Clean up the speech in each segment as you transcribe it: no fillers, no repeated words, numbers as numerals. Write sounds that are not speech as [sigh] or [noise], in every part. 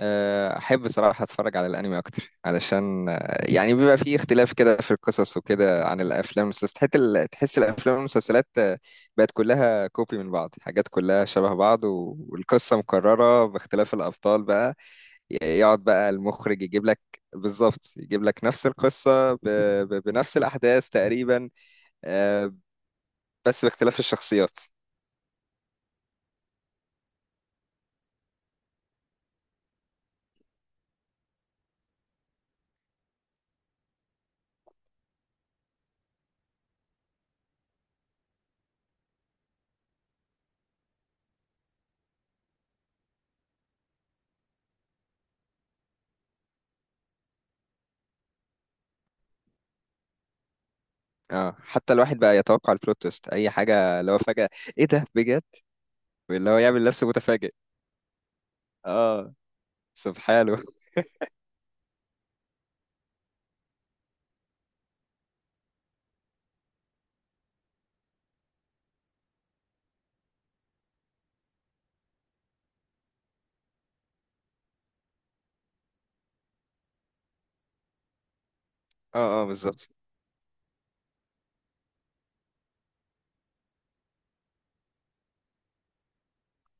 احب صراحة اتفرج على الانمي اكتر علشان يعني بيبقى فيه اختلاف كده في القصص وكده عن الافلام والمسلسلات، تحس الافلام والمسلسلات بقت كلها كوبي من بعض، حاجات كلها شبه بعض و- والقصة مكررة باختلاف الابطال بقى. يقعد بقى المخرج يجيب لك بالظبط، يجيب لك نفس القصة بنفس الاحداث تقريبا، آه، بس باختلاف الشخصيات. اه حتى الواحد بقى يتوقع البلوت تويست اي حاجة، لو فجأة ايه ده بجد، اللي هو يعمل نفسه متفاجئ. اه، سبحانه. اه اه بالظبط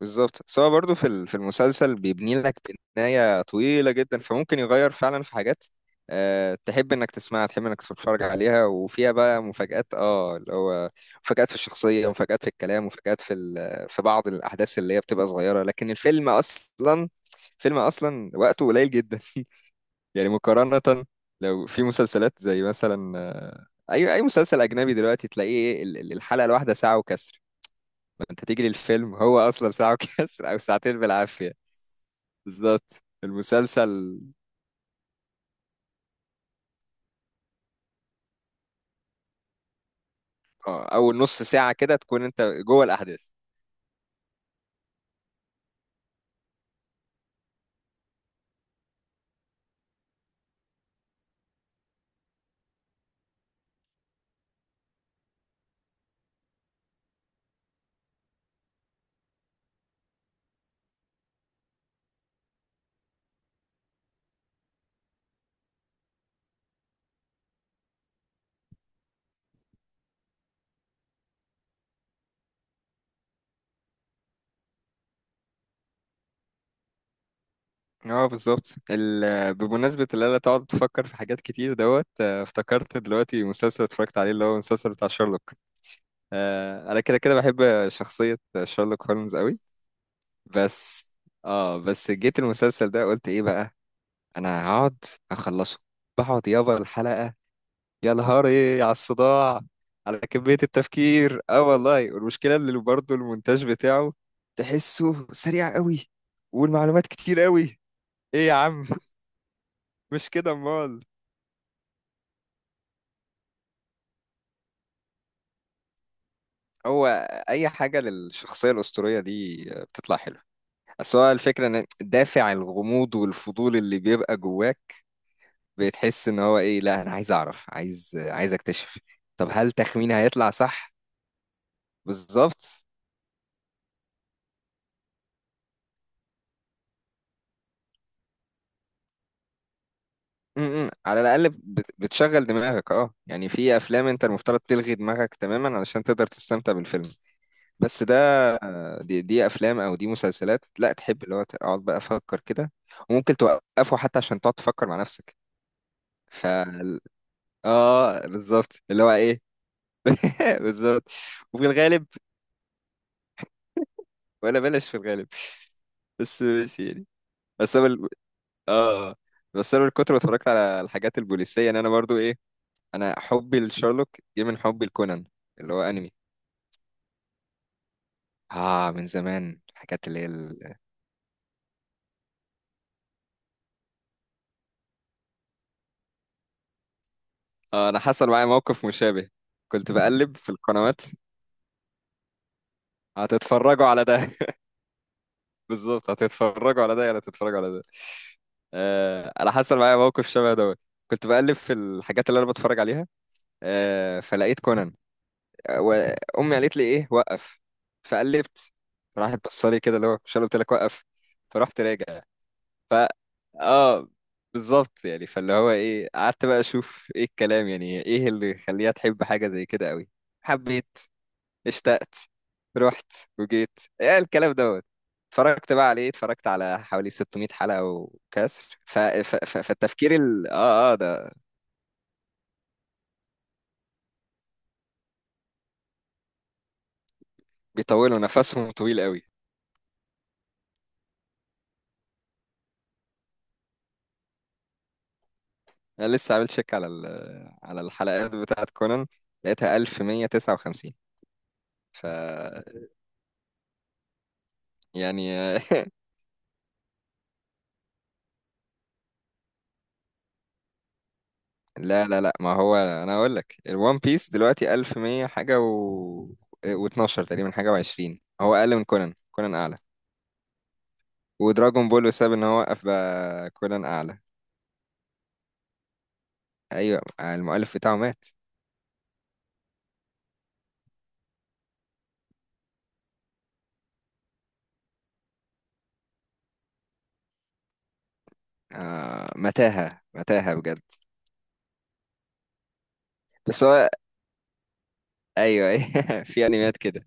بالظبط، سواء برضو في المسلسل بيبني لك بناية طويلة جدا، فممكن يغير فعلا في حاجات. تحب انك تسمعها، تحب انك تتفرج عليها، وفيها بقى مفاجآت، اه اللي هو مفاجآت في الشخصية، ومفاجآت في الكلام، ومفاجآت في بعض الأحداث اللي هي بتبقى صغيرة، لكن الفيلم أصلا فيلم أصلا وقته قليل جدا [laughs] يعني مقارنة، لو في مسلسلات زي مثلا، أي مسلسل أجنبي دلوقتي تلاقيه الحلقة الواحدة ساعة وكسر، انت تيجي للفيلم هو اصلا ساعة وكسر او ساعتين بالعافية. بالظبط المسلسل. اه، اول نص ساعة كده تكون انت جوه الاحداث. اه، بالظبط. بمناسبة اللي انا تقعد تفكر في حاجات كتير دوت، افتكرت دلوقتي مسلسل اتفرجت عليه اللي هو المسلسل بتاع شارلوك. انا كده كده بحب شخصية شارلوك هولمز قوي، بس، اه بس جيت المسلسل ده قلت ايه بقى، انا هقعد اخلصه، بقعد يابا الحلقة، يا نهاري على الصداع، على كمية التفكير. اه، والله، والمشكلة اللي برضه المونتاج بتاعه تحسه سريع قوي، والمعلومات كتير قوي. ايه يا عم؟ [laughs] مش كده امال؟ هو اي حاجة للشخصية الأسطورية دي بتطلع حلوة. بس هو الفكرة، ان دافع الغموض والفضول اللي بيبقى جواك، بتحس ان هو ايه، لا انا عايز اعرف، عايز عايز اكتشف، طب هل تخميني هيطلع صح. بالظبط. على الاقل بتشغل دماغك. اه يعني في افلام انت المفترض تلغي دماغك تماما علشان تقدر تستمتع بالفيلم، بس ده، دي افلام او دي مسلسلات لا، تحب اللي هو تقعد بقى افكر كده، وممكن توقفه حتى عشان تقعد تفكر مع نفسك. ف اه بالظبط اللي هو ايه. [laughs] بالظبط. وفي الغالب، ولا بلاش، في الغالب، بس ماشي يعني. بس انا ال- اه بس انا من كتر ما اتفرجت على الحاجات البوليسيه، ان انا برضو انا حبي لشارلوك جه من حبي لكونان اللي هو انمي. اه، من زمان الحاجات اللي هي انا حصل معايا موقف مشابه، كنت بقلب في القنوات. هتتفرجوا على ده؟ [laughs] بالظبط، هتتفرجوا على ده ولا هتتفرجوا على ده. انا حصل معايا موقف شبه ده، كنت بقلب في الحاجات اللي انا بتفرج عليها، فلقيت كونان، وامي قالت لي: ايه، وقف. فقلبت، راحت بصالي كده اللي هو: مش أنا قلت لك وقف؟ فرحت راجع. ف اه بالظبط يعني، فاللي هو ايه، قعدت بقى اشوف ايه الكلام، يعني ايه اللي يخليها تحب حاجة زي كده قوي، حبيت، اشتقت، رحت، وجيت. ايه الكلام دوت؟ اتفرجت بقى عليه، اتفرجت على حوالي 600 حلقة وكسر. فالتفكير ال... اه اه ده. بيطولوا نفسهم طويل قوي. انا لسه عامل شيك على الحلقات بتاعت كونان لقيتها 1159. ف يعني، لا لا لا، ما هو انا اقول لك الوان بيس دلوقتي 1100 حاجه، و و12 تقريبا حاجه، و20. هو اقل من كونان، كونان اعلى. ودراجون بول بسبب ان هو وقف بقى، كونان اعلى. ايوه، المؤلف بتاعه مات. متاهه متاهه بجد. بس هو ايوه أيوة، [laughs] في انميات كده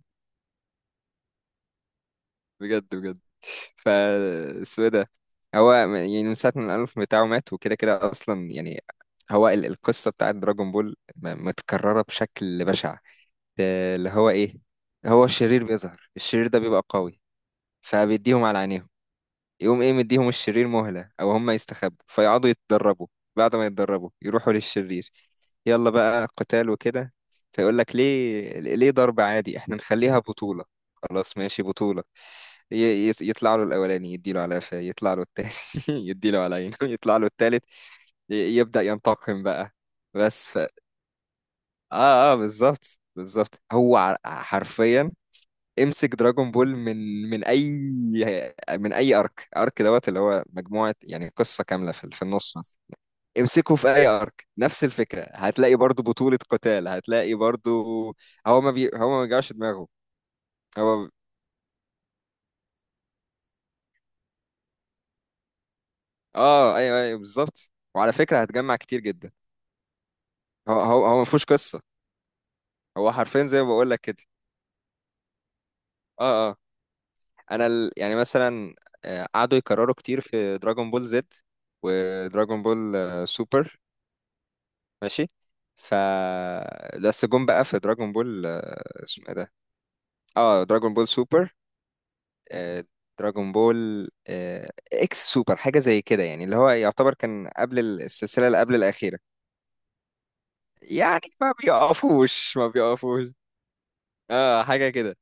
بجد بجد. ف اسمه إيه ده؟ هو يعني من ساعه ما الالف بتاعه مات وكده كده اصلا يعني. القصه بتاعت دراجون بول متكرره بشكل بشع. اللي هو ايه، هو الشرير بيظهر، الشرير ده بيبقى قوي، فبيديهم على عينيهم، يقوم ايه مديهم الشرير مهلة او هم يستخبوا فيقعدوا يتدربوا، بعد ما يتدربوا يروحوا للشرير يلا بقى قتال وكده. فيقول لك ليه، ليه ضرب عادي، احنا نخليها بطولة. خلاص ماشي بطولة، يطلع له الأولاني يديله على قفاه، يطلع له التاني [laughs] يديله على عينه، يطلع له التالت يبدأ ينتقم بقى. بس ف... اه اه بالظبط بالظبط، هو حرفيا امسك دراجون بول من اي ارك ارك دوت، اللي هو مجموعه يعني قصه كامله في النص مثلا، امسكه في اي ارك نفس الفكره، هتلاقي برضو بطوله قتال، هتلاقي برضو. هو ما بيوجعش دماغه. هو اه ايوه ايوه بالظبط، وعلى فكره هتجمع كتير جدا. هو ما فيهوش قصه، هو حرفيا زي ما بقول لك كده. اه اه. يعني مثلا، قعدوا يكرروا كتير في دراجون بول زد، ودراجون بول سوبر. ماشي. ف بس جم بقى في دراجون بول، اسمه ايه ده، اه دراجون بول سوبر، آه، دراجون بول اكس سوبر حاجة زي كده، يعني اللي هو يعتبر كان قبل السلسلة اللي قبل الأخيرة. يعني ما بيقفوش ما بيقفوش. اه حاجة كده.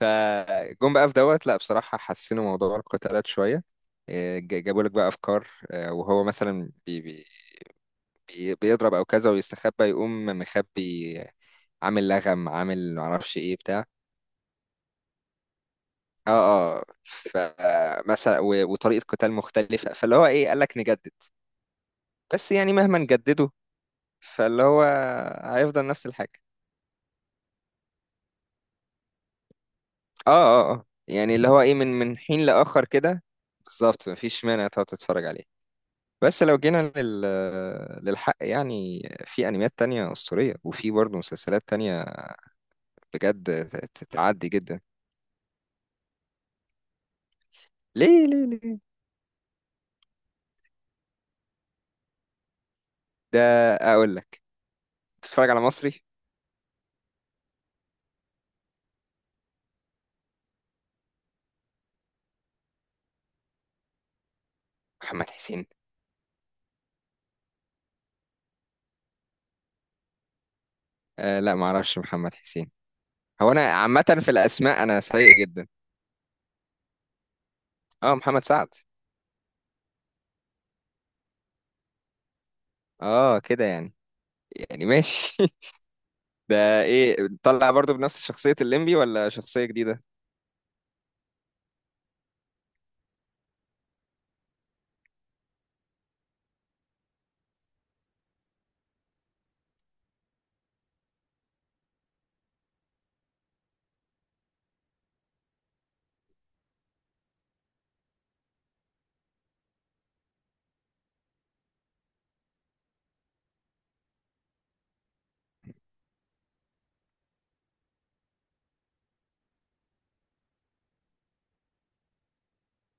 فجم بقى في دوت، لا بصراحة حسنوا موضوع القتالات شوية، جابوا لك بقى أفكار، وهو مثلا بيضرب أو كذا ويستخبى، يقوم مخبي، عامل لغم، عامل معرفش ايه بتاع. اه اه، فمثلا و- وطريقة قتال مختلفة، فاللي هو ايه، قال لك نجدد. بس يعني مهما نجدده، فاللي هو هيفضل نفس الحاجة. اه اه اه، يعني اللي هو ايه، من حين لآخر كده. بالظبط، مفيش مانع تقعد تتفرج عليه. بس لو جينا للحق، يعني في انميات تانية أسطورية، وفي برضه مسلسلات تانية بجد تعدي جدا. ليه، ليه، ليه، ده اقول لك تتفرج على مصري. محمد حسين. آه لا، معرفش محمد حسين. هو انا عامة في الاسماء انا سيء جدا. اه، محمد سعد. اه كده يعني ماشي [laughs] ده ايه؟ طلع برضو بنفس شخصية الليمبي ولا شخصية جديدة؟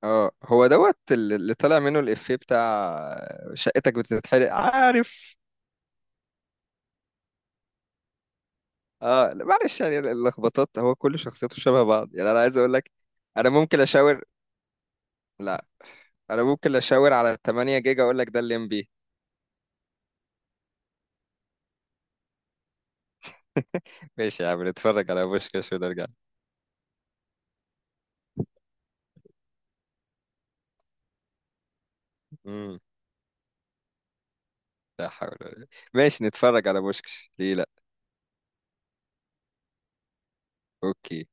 اه، هو دوت اللي طلع منه الافيه بتاع شقتك بتتحرق، عارف. اه لا، معلش يعني اللخبطات، هو كل شخصيته شبه بعض، يعني انا عايز اقول لك. انا ممكن اشاور. لا، انا ممكن اشاور على 8 جيجا اقول لك ده الليمبي. ماشي يا عم، نتفرج على بوشكاش ونرجع. امم لا حول ولا قوة. ماشي نتفرج على بوشكش، ليه لا. اوكي.